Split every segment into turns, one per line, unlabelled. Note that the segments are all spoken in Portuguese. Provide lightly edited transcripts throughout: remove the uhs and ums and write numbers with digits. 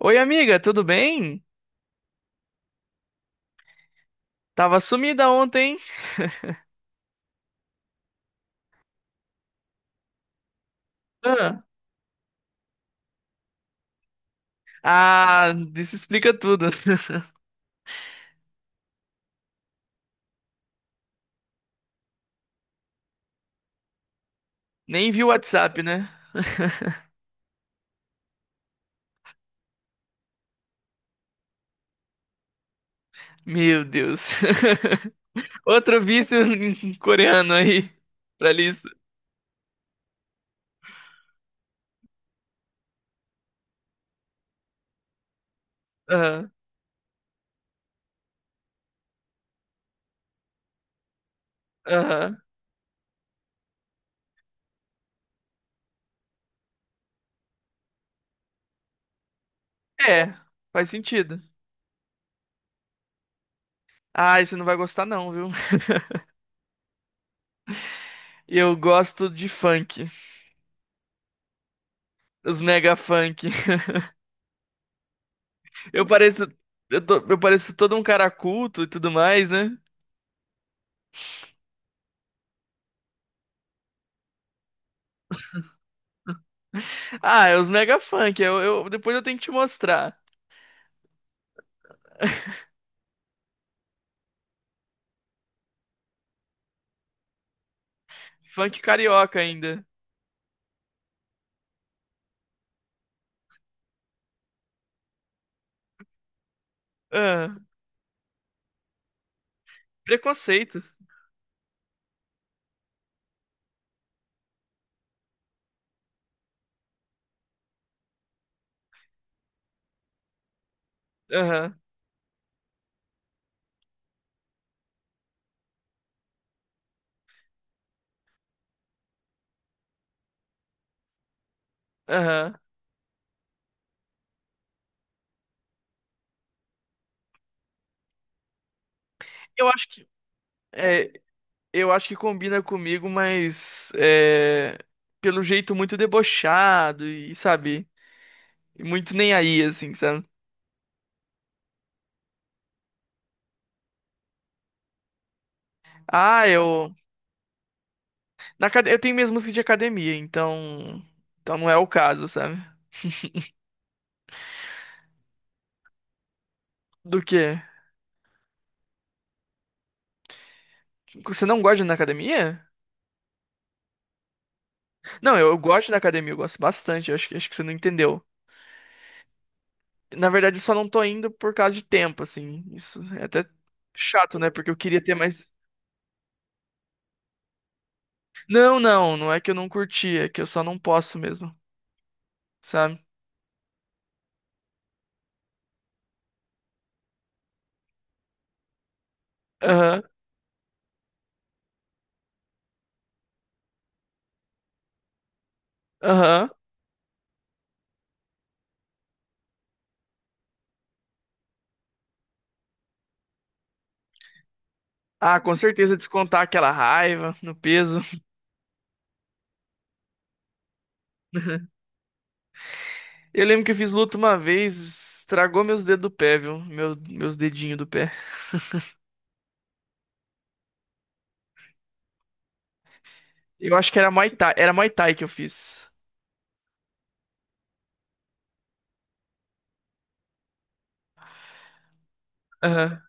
Oi, amiga, tudo bem? Tava sumida ontem, hein? Ah, ah, isso explica tudo. Nem vi o WhatsApp, né? Meu Deus. Outro vício coreano aí pra lista. Aham, aham. É, faz sentido. Ai, você não vai gostar não, viu? Eu gosto de funk, os mega funk. Eu pareço, eu pareço todo um cara culto e tudo mais, né? Ah, é os mega funk. Depois eu tenho que te mostrar. Funk carioca ainda. Ah, preconceito. Aham, aham. Eu acho que é, eu acho que combina comigo, mas é, pelo jeito muito debochado e sabe, muito nem aí assim, sabe? Ah, eu eu tenho minhas músicas de academia, então então não é o caso, sabe? Do quê? Você não gosta de ir na academia? Não, eu gosto da academia, eu gosto bastante. Acho que você não entendeu. Na verdade, eu só não tô indo por causa de tempo, assim. Isso é até chato, né? Porque eu queria ter mais. Não, não é que eu não curti, é que eu só não posso mesmo, sabe? Aham, aham. Ah, com certeza descontar aquela raiva no peso. Eu lembro que eu fiz luta uma vez, estragou meus dedos do pé, viu? Meus dedinhos do pé. Eu acho que era Muay Thai que eu fiz. Aham.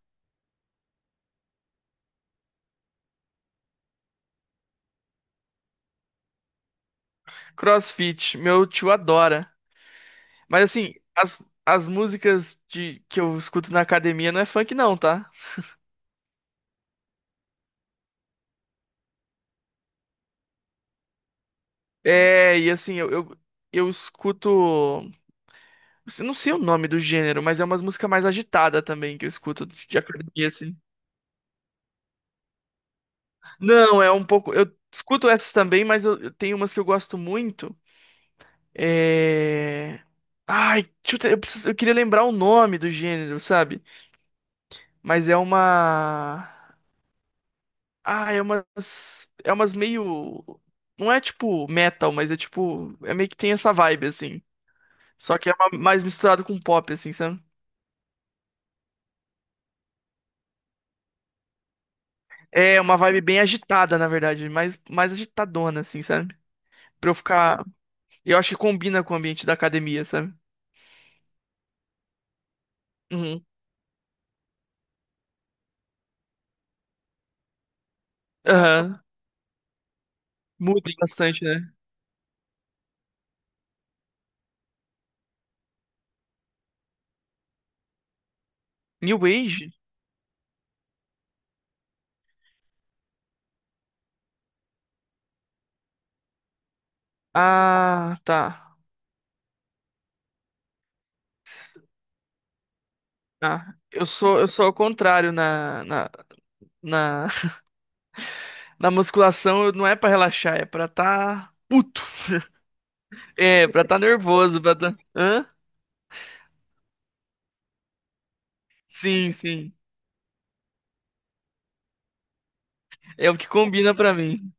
CrossFit, meu tio adora. Mas assim, as músicas que eu escuto na academia não é funk não, tá? É, e assim, eu escuto. Eu Não sei o nome do gênero, mas é umas músicas mais agitada também que eu escuto de academia, assim. Não, é um pouco. Eu escuto essas também, mas eu tenho umas que eu gosto muito. É. Eu queria lembrar o nome do gênero, sabe? Mas é uma. É umas meio. Não é tipo metal, mas é tipo. É meio que tem essa vibe, assim. Só que é uma- Mais misturado com pop, assim, sabe? É uma vibe bem agitada, na verdade, mais agitadona, assim, sabe? Pra eu ficar. Eu acho que combina com o ambiente da academia, sabe? Uhum. Aham. Muda bastante, né? New Age? Ah, tá. Ah, eu sou ao contrário na, na musculação, não é pra relaxar, é pra tá puto. É, pra tá. Hã? Sim, sim. É o que combina pra mim.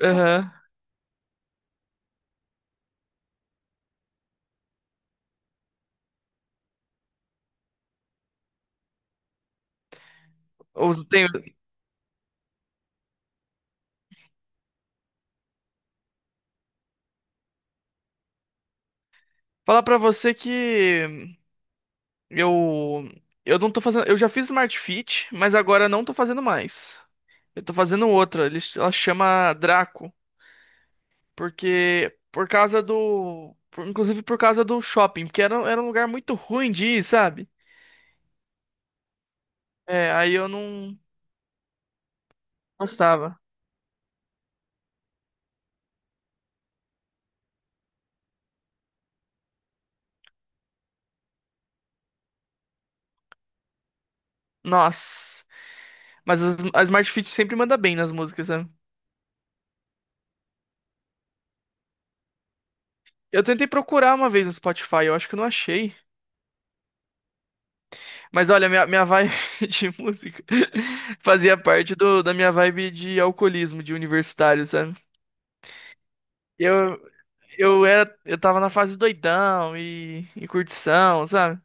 Aham. Ou tenho. Falar pra você que. Eu eu não tô fazendo, eu já fiz Smart Fit, mas agora não tô fazendo mais. Eu tô fazendo outra, ela chama Draco, porque por causa do, inclusive por causa do shopping, porque era um lugar muito ruim de ir, sabe? É, aí eu não gostava. Nossa, mas a Smart Fit sempre manda bem nas músicas, sabe? Eu tentei procurar uma vez no Spotify, eu acho que eu não achei. Mas olha, minha vibe de música fazia parte da minha vibe de alcoolismo, de universitário, sabe? Eu, eu tava na fase doidão e curtição, sabe?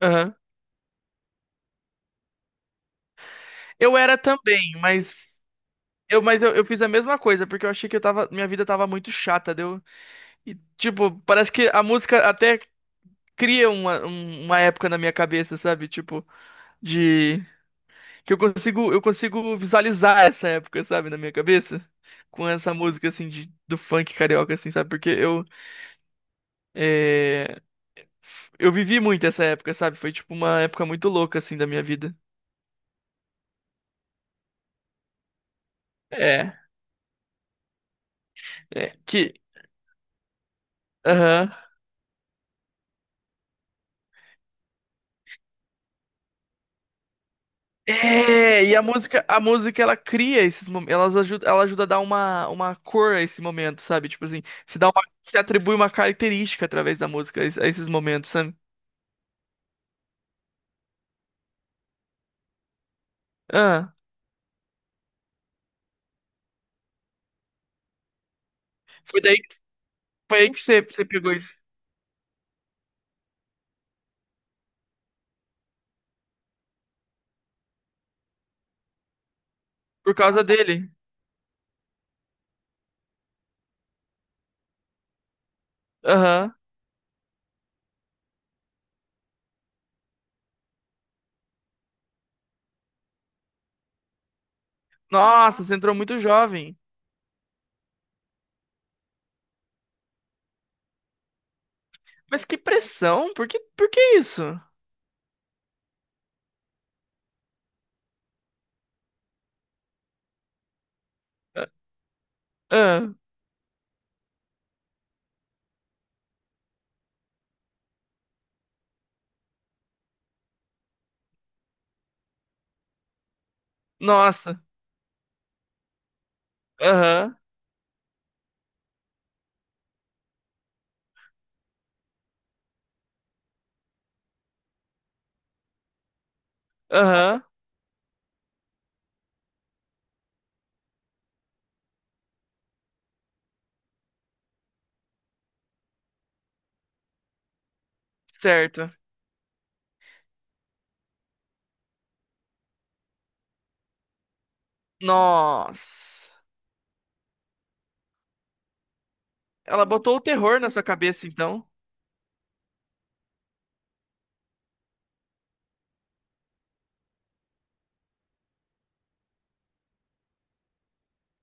Aham. Eu era também, mas eu fiz a mesma coisa, porque eu achei que minha vida tava muito chata, deu? E, tipo, parece que a música até cria uma, uma época na minha cabeça, sabe? Tipo, de que eu consigo visualizar essa época, sabe, na minha cabeça. Com essa música, assim, de, do funk carioca, assim, sabe? Porque eh, eu vivi muito essa época, sabe? Foi tipo uma época muito louca assim da minha vida. É. É, que aham. É, e a música ela cria esses momentos, ela ajuda a dar uma cor a esse momento, sabe? Tipo assim, se atribui uma característica através da música a a esses momentos, sabe? Ah, foi daí que, foi aí que você pegou isso, por causa dele. Aham. Nossa, você entrou muito jovem. Mas que pressão, por que isso? Ah, ah, nossa, aham, aham. Certo. Nossa. Ela botou o terror na sua cabeça, então.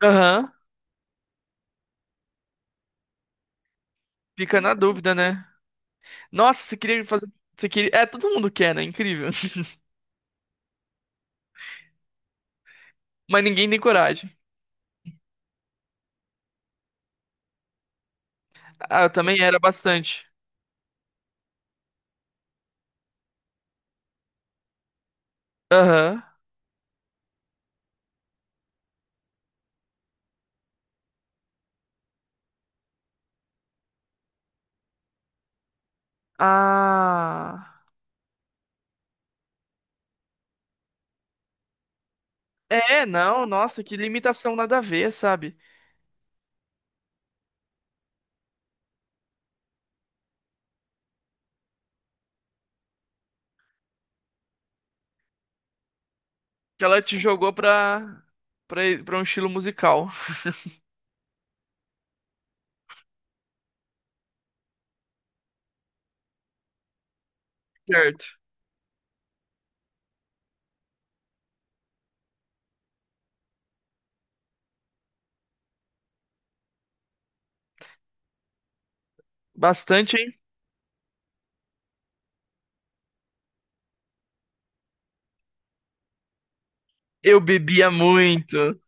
Aham. Fica na dúvida, né? Nossa, você queria fazer. Você queria... É, todo mundo quer, né? Incrível. Mas ninguém tem coragem. Ah, eu também era bastante. Aham. Ah. É, não, nossa, que limitação nada a ver, sabe? Que ela te jogou pra um estilo musical. Certo. Bastante, hein? Eu bebia muito.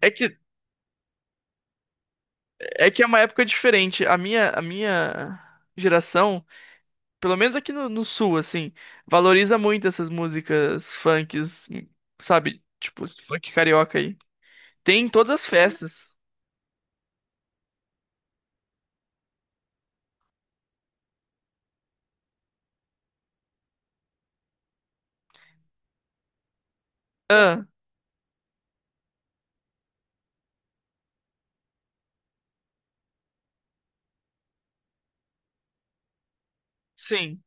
É que, é que é uma época diferente. A minha geração. Pelo menos aqui no sul, assim, valoriza muito essas músicas funks, sabe? Tipo, esse funk carioca aí. Tem em todas as festas. Ah, sim.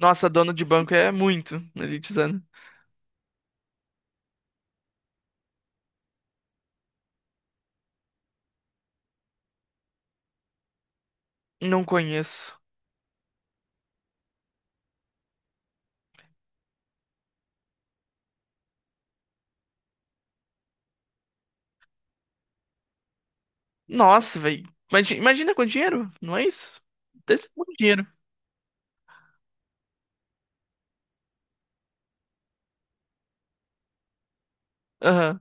Nossa, dono de banco é muito elitizando. Não conheço. Nossa, velho. Imagina com dinheiro, não é isso? Desse muito dinheiro. Aham,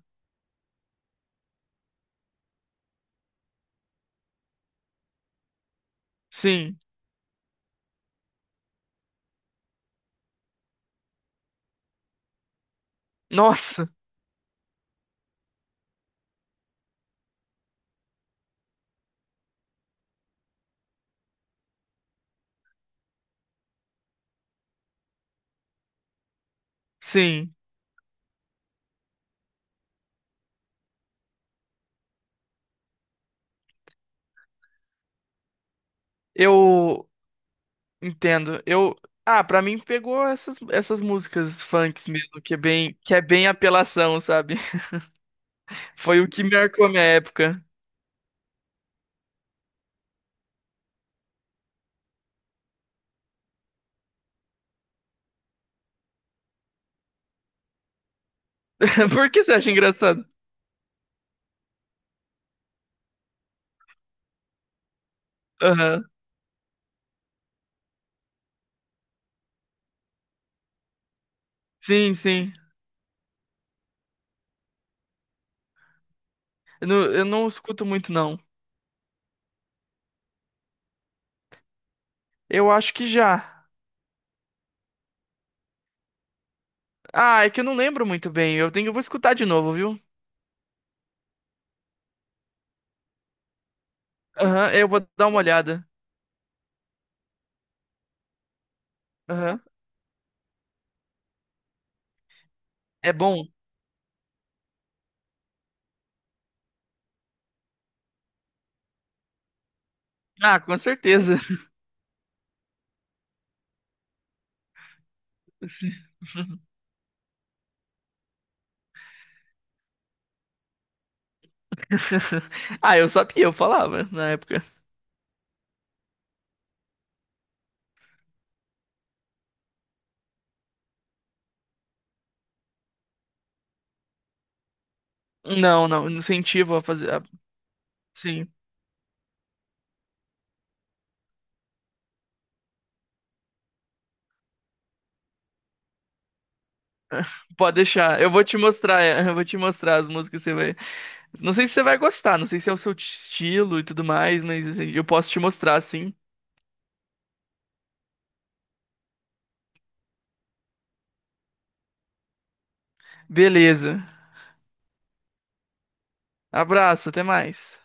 sim. Nossa, sim. Eu entendo. Eu. Ah, pra mim pegou essas, essas músicas funks mesmo, que é bem apelação, sabe? Foi o que marcou a minha época. Por que você acha engraçado? Aham. Sim, sim. Eu não escuto muito, não. Eu acho que já. Ah, é que eu não lembro muito bem. Eu tenho, eu vou escutar de novo, viu? Aham, eu vou dar uma olhada. Aham. É bom? Ah, com certeza. Sim. Ah, eu sabia, eu falava na época. Não, não, incentivo a fazer. Sim, pode deixar. Eu vou te mostrar, é, eu vou te mostrar as músicas, você vai. Não sei se você vai gostar, não sei se é o seu estilo e tudo mais, mas assim, eu posso te mostrar sim. Beleza. Abraço, até mais.